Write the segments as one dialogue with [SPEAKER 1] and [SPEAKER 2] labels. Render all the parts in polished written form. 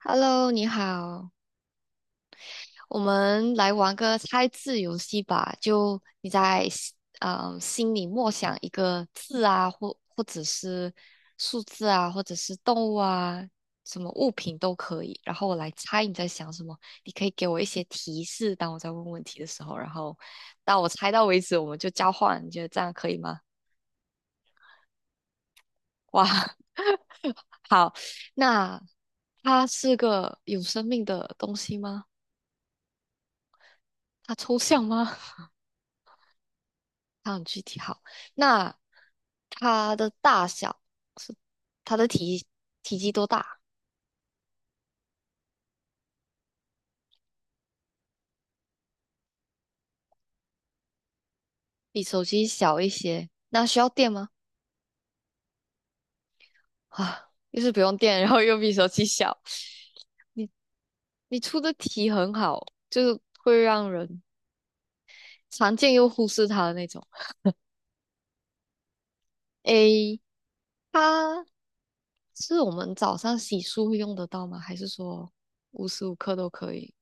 [SPEAKER 1] Hello，你好，我们来玩个猜字游戏吧。就你在心里默想一个字啊，或者是数字啊，或者是动物啊，什么物品都可以。然后我来猜你在想什么。你可以给我一些提示，当我在问问题的时候，然后到我猜到为止，我们就交换。你觉得这样可以吗？哇，好，那它是个有生命的东西吗？它抽象吗？它很具体好，那它的大小是它的体积多大？比手机小一些，那需要电吗？啊，又是不用电，然后又比手机小。你你出的题很好，就是会让人常见又忽视它的那种。诶，它是我们早上洗漱会用得到吗？还是说无时无刻都可以？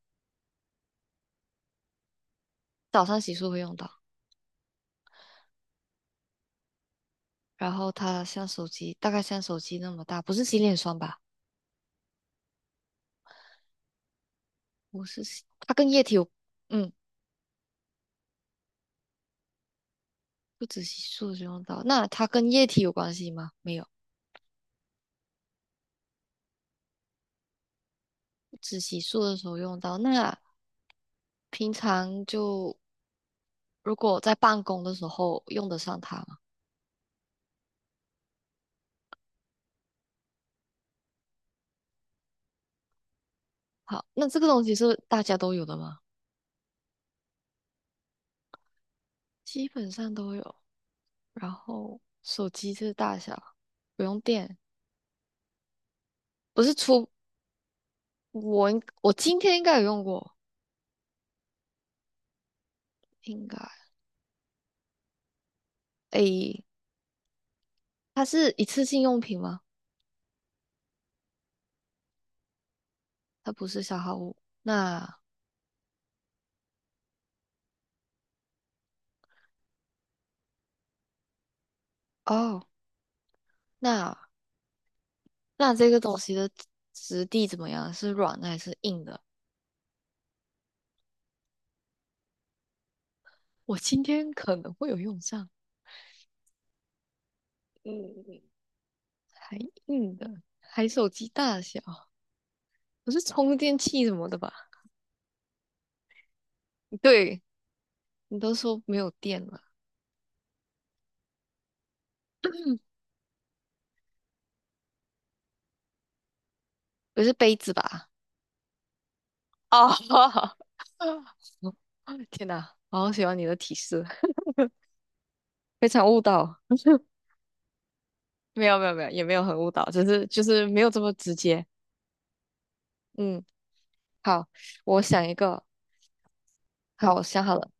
[SPEAKER 1] 早上洗漱会用到，然后它像手机，大概像手机那么大，不是洗脸霜吧？我是洗它跟液体有，嗯，不止洗漱的时候用到。那它跟液体有关系吗？没有，只洗漱的时候用到。那平常就如果在办公的时候用得上它吗？好，那这个东西是大家都有的吗？基本上都有。然后手机这个大小不用电，不是出我今天应该有用过，应该诶，它是一次性用品吗？它不是消耗物。那哦，那。那这个东西的质地怎么样？是软的还是硬的？我今天可能会有用上，嗯，还硬的，还手机大小，不是充电器什么的吧？对，你都说没有电了，不是杯子吧？哦，天哪，我好喜欢你的提示，非常误导。没有没有没有，也没有很误导，只是就是没有这么直接。嗯，好，我想一个，好，我想好了，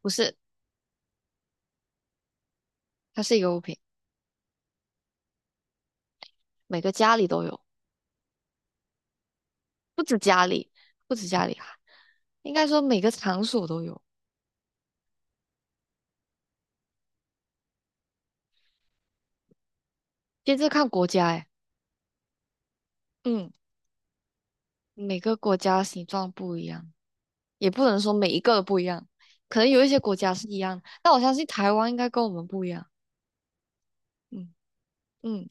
[SPEAKER 1] 不是，它是一个物品。每个家里都有，不止家里，不止家里啊，应该说每个场所都有。其实看国家，哎，嗯，每个国家形状不一样，也不能说每一个都不一样，可能有一些国家是一样，但我相信台湾应该跟我们不一样。嗯嗯，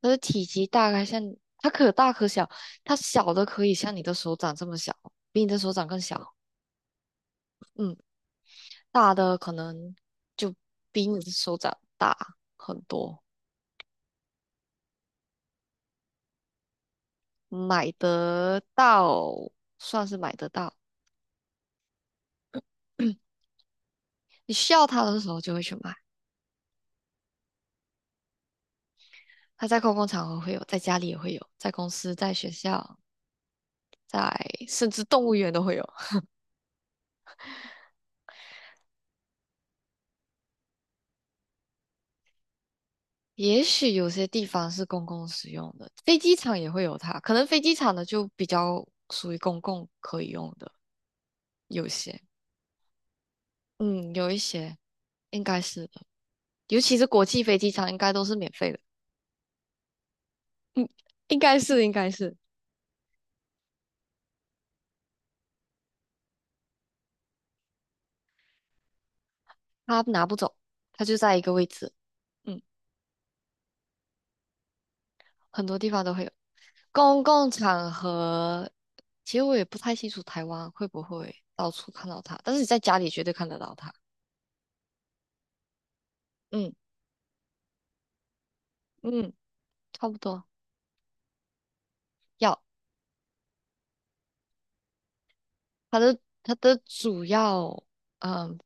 [SPEAKER 1] 它的体积大概像它可大可小，它小的可以像你的手掌这么小，比你的手掌更小。嗯，大的可能就比你的手掌大很多。买得到，算是买得到。你需要它的时候就会去买，它在公共场合会有，在家里也会有，在公司、在学校、在甚至动物园都会有。也许有些地方是公共使用的，飞机场也会有它，可能飞机场的就比较属于公共可以用的，有些，嗯，有一些应该是的，尤其是国际飞机场应该都是免费的，嗯，应该是应该是，他拿不走，他就在一个位置，嗯。很多地方都会有。公共场合，其实我也不太清楚台湾会不会到处看到它，但是你在家里绝对看得到它。嗯嗯，差不多。要它的主要，嗯，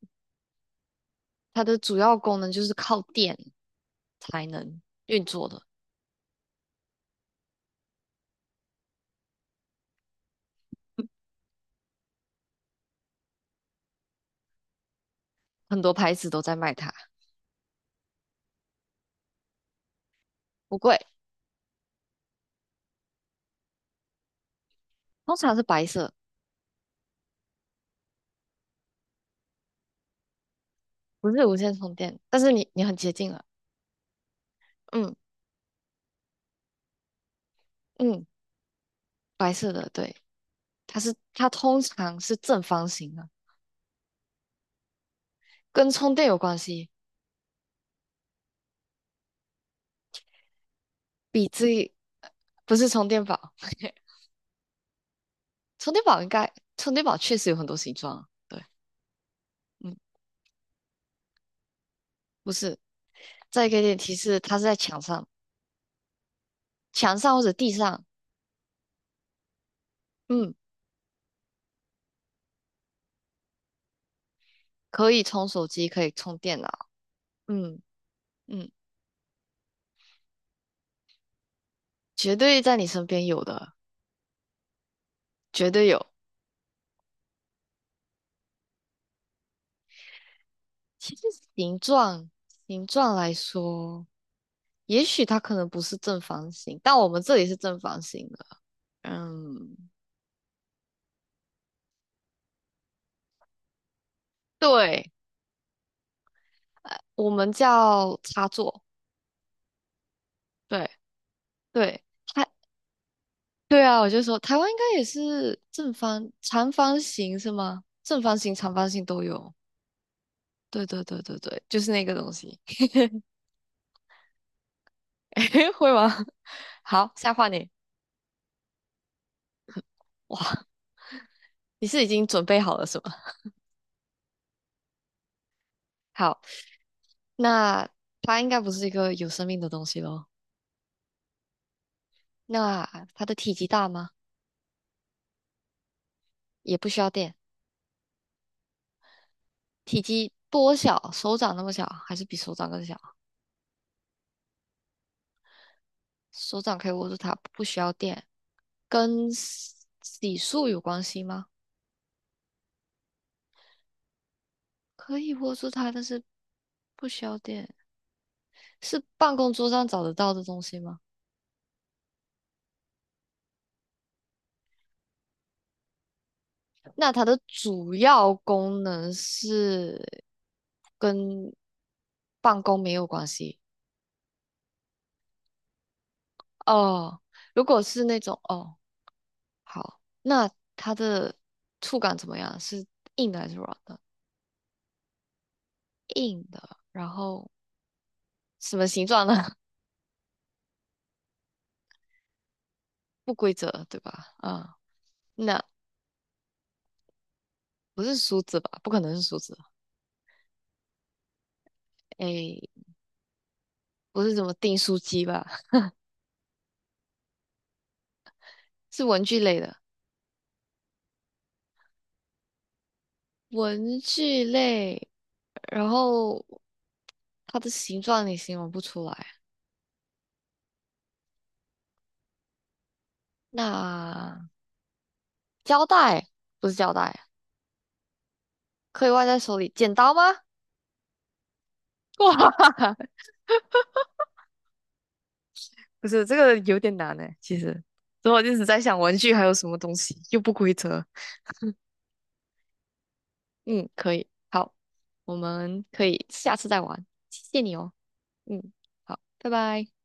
[SPEAKER 1] 它的主要功能就是靠电才能运作的，很多牌子都在卖它，不贵，通常是白色，不是无线充电，但是你很接近了。嗯嗯，白色的，对，它通常是正方形的。跟充电有关系，比记不是充电宝，充电宝应该充电宝确实有很多形状啊，对，嗯，不是，再给点提示，它是在墙上，墙上或者地上，嗯，可以充手机，可以充电脑，嗯嗯，绝对在你身边有的，绝对有。其实形状形状来说，也许它可能不是正方形，但我们这里是正方形的，嗯，对，我们叫插座。对对，它对啊，我就说台湾应该也是正方、长方形是吗？正方形、长方形都有。对对对对对，就是那个东西，会吗？好，下换你。哇，你是已经准备好了是吗？好，那它应该不是一个有生命的东西咯。那它的体积大吗？也不需要电，体积多小？手掌那么小，还是比手掌更小？手掌可以握住它，不需要电，跟洗漱有关系吗？可以握住它，但是不需要电，是办公桌上找得到的东西吗？那它的主要功能是跟办公没有关系哦。如果是那种哦，好，那它的触感怎么样？是硬的还是软的？硬的，然后什么形状呢？不规则，对吧？啊嗯，那不是梳子吧？不可能是梳子。诶，不是什么订书机吧？是文具类的，文具类。然后它的形状你形容不出来。那胶带不是胶带，可以握在手里。剪刀吗？哇，不是，这个有点难呢。其实，所以我一直在想文具还有什么东西又不规则。嗯，可以，好，我们可以下次再玩。谢谢你哦。嗯，好，拜拜。